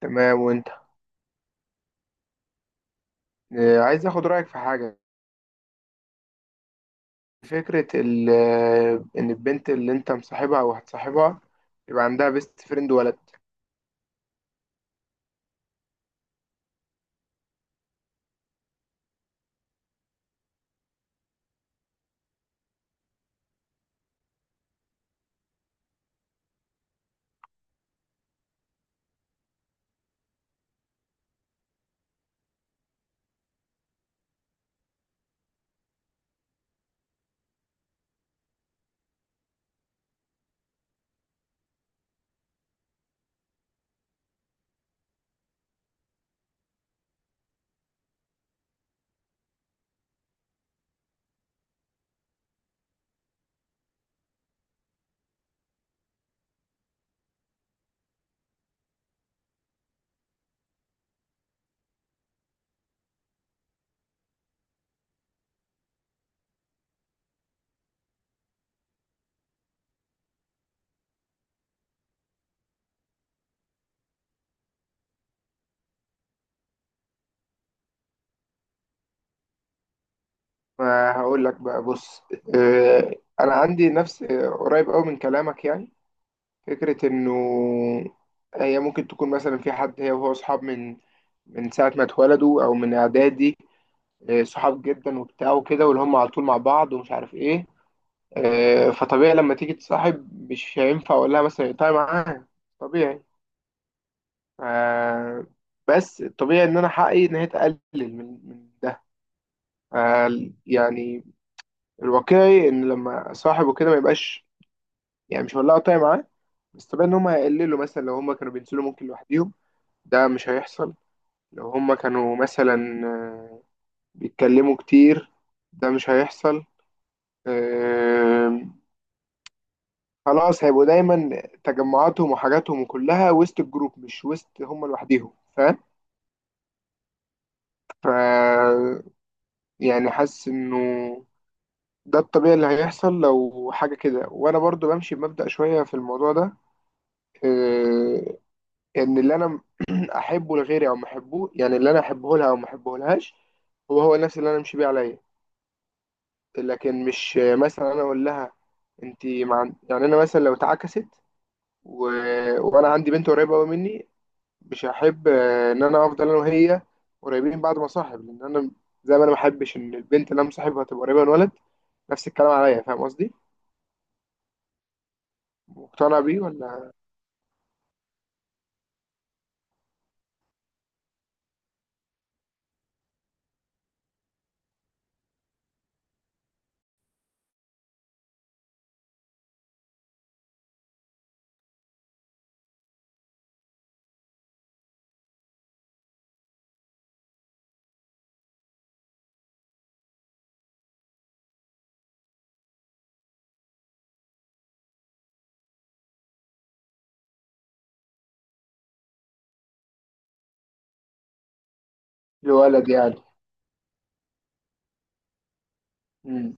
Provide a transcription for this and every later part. تمام وانت. عايز اخد رأيك في حاجة. فكرة ان البنت اللي انت مصاحبها او هتصاحبها يبقى عندها بيست فريند ولد. فهقول لك بقى بص. انا عندي نفس قريب قوي من كلامك يعني. فكرة انه هي ممكن تكون مثلا في حد، هي وهو اصحاب من ساعة ما اتولدوا او من اعدادي. صحاب جدا وبتاع وكده، واللي هم على طول مع بعض ومش عارف ايه. فطبيعي لما تيجي تصاحب مش هينفع اقول لها مثلا اقطعي معاها. طبيعي. آه بس الطبيعي ان انا حقي ان هي تقلل من ده. آه يعني الواقعي ان لما صاحبه كده ما يبقاش، يعني مش هولعه طاية معاه. بس طبيعي ان هم هيقللوا. مثلا لو هم كانوا بينزلوا ممكن لوحديهم، ده مش هيحصل. لو هم كانوا مثلا بيتكلموا كتير، ده مش هيحصل. آه خلاص هيبقوا دايما تجمعاتهم وحاجاتهم كلها وسط الجروب، مش وسط هم لوحديهم. فاهم؟ ف يعني حاسس انه ده الطبيعي اللي هيحصل لو حاجة كده. وأنا برضو بمشي بمبدأ شوية في الموضوع ده. آه، إن اللي أنا أحبه لغيري أو ما أحبه، يعني اللي أنا أحبه لها أو ما أحبه لهاش، هو نفس اللي أنا أمشي بيه عليا. لكن مش، مثلا أنا أقول لها أنت مع، يعني أنا مثلا لو اتعكست و... وأنا عندي بنت قريبة أوي مني، مش هحب إن أنا أفضل أنا وهي قريبين بعد ما أصاحب. لأن أنا زي ما أنا ما أحبش إن البنت اللي أنا مصاحبها تبقى قريبة من ولد، نفس الكلام عليا. فاهم قصدي؟ مقتنع بيه ولا؟ لولد يعني. مم،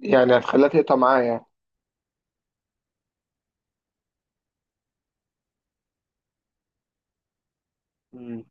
يعني هتخليها تقطع معاه يعني؟ مم.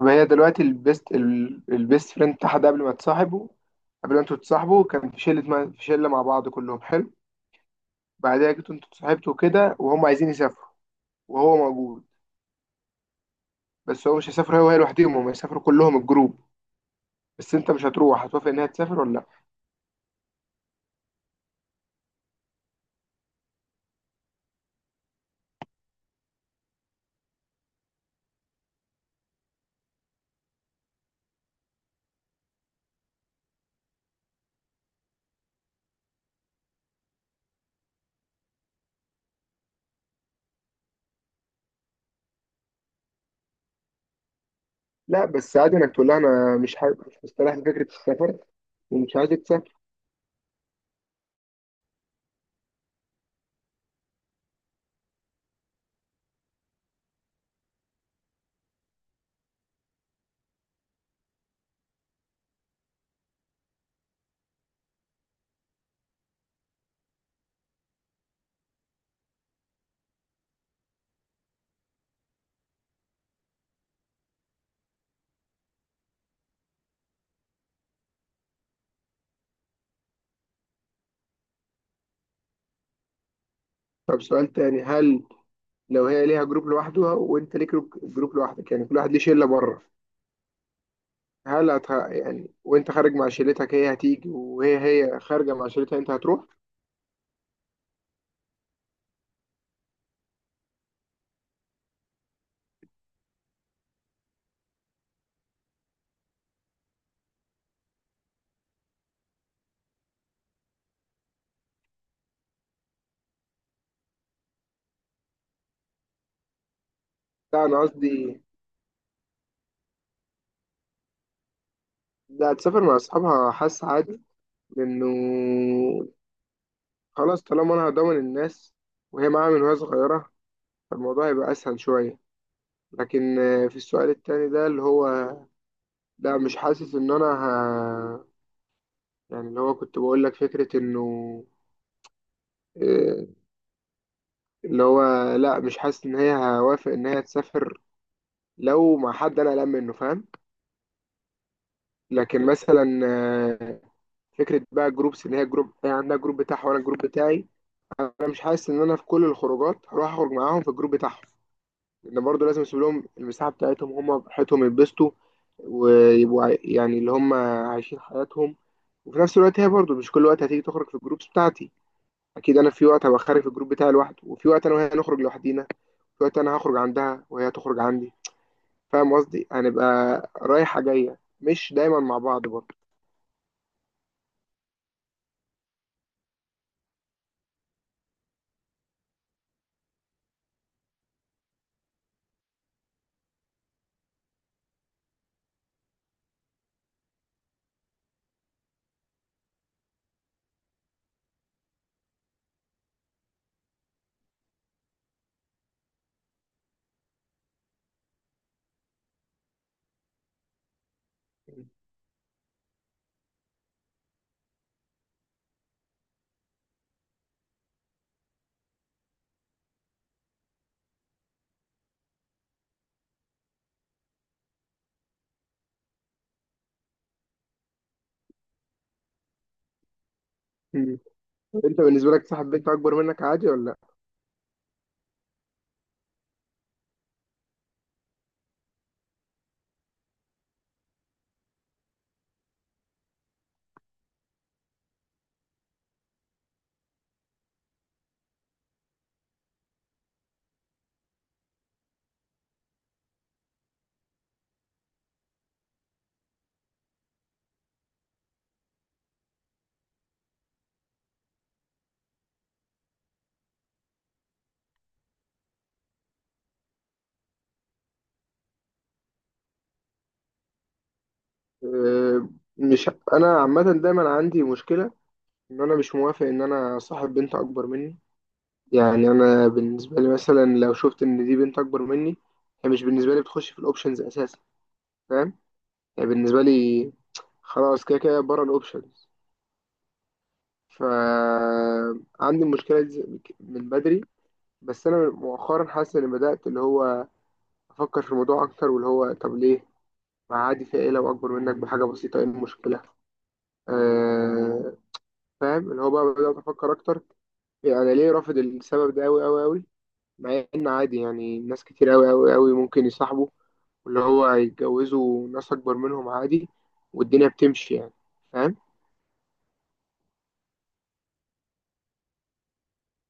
طب هي دلوقتي البيست فريند بتاعها ده، قبل ما تصاحبوا، قبل ما انتوا تتصاحبوا، كان في شلة، ما في شلة مع بعض كلهم حلو. بعدها جيتوا انتوا اتصاحبتوا كده، وهم عايزين يسافروا، وهو موجود. بس هو مش هيسافر هو وهي لوحدهم، هم هيسافروا كلهم الجروب. بس انت مش هتروح، هتوافق انها تسافر ولا لا؟ لا بس عادي انك تقول لها انا مش حابب، مش مستريح لفكرة السفر ومش عايزك تسافر. طب سؤال تاني. هل لو هي ليها جروب لوحدها وانت ليك جروب لوحدك، يعني كل واحد ليه شلة بره، هل يعني وانت خارج مع شلتك هي هتيجي، وهي خارجة مع شلتها انت هتروح؟ لا انا قصدي، لا هتسافر مع اصحابها، حاسس عادي. لانه خلاص طالما انا هضمن الناس، وهي معاها من وهي صغيرة، فالموضوع هيبقى اسهل شوية. لكن في السؤال التاني ده اللي هو، لا مش حاسس ان انا يعني اللي هو كنت بقول لك، فكرة انه آه، اللي هو لا، مش حاسس ان هي هوافق ان هي تسافر لو مع حد انا قلقان منه. فاهم؟ لكن مثلا فكره بقى جروبس، ان هي جروب، هي عندها جروب بتاعها وانا الجروب بتاعي. انا مش حاسس ان انا في كل الخروجات هروح اخرج معاهم في الجروب بتاعهم، لان برضه لازم اسيب لهم المساحه بتاعتهم هم براحتهم يتبسطوا ويبقوا يعني اللي هم عايشين حياتهم. وفي نفس الوقت هي برضه مش كل وقت هتيجي تخرج في الجروبس بتاعتي. اكيد انا في وقت هبقى خارج في الجروب بتاعي لوحده، وفي وقت انا وهي نخرج لوحدينا، في وقت انا هخرج عندها وهي تخرج عندي. فاهم قصدي؟ هنبقى رايحه جايه، مش دايما مع بعض برضه. مم. انت بالنسبه لك صاحب بنت اكبر منك عادي ولا لا؟ آه، مش انا عامه دايما عندي مشكله ان انا مش موافق ان انا صاحب بنت اكبر مني. يعني انا بالنسبه لي مثلا لو شفت ان دي بنت اكبر مني، هي مش بالنسبه لي بتخش في الاوبشنز اساسا. فاهم؟ يعني بالنسبه لي خلاص كده كده بره الاوبشنز. فعندي المشكله دي من بدري. بس انا مؤخرا حاسس اني بدات اللي هو افكر في الموضوع اكتر، واللي هو طب ليه ما عادي، في ايه لو اكبر منك بحاجه بسيطه، ايه المشكله؟ أه، فاهم اللي هو بقى بدات افكر اكتر، يعني انا ليه رافض السبب ده قوي قوي قوي، مع ان عادي. يعني ناس كتير قوي قوي قوي ممكن يصاحبوا واللي هو يتجوزوا ناس اكبر منهم عادي والدنيا بتمشي يعني. فاهم؟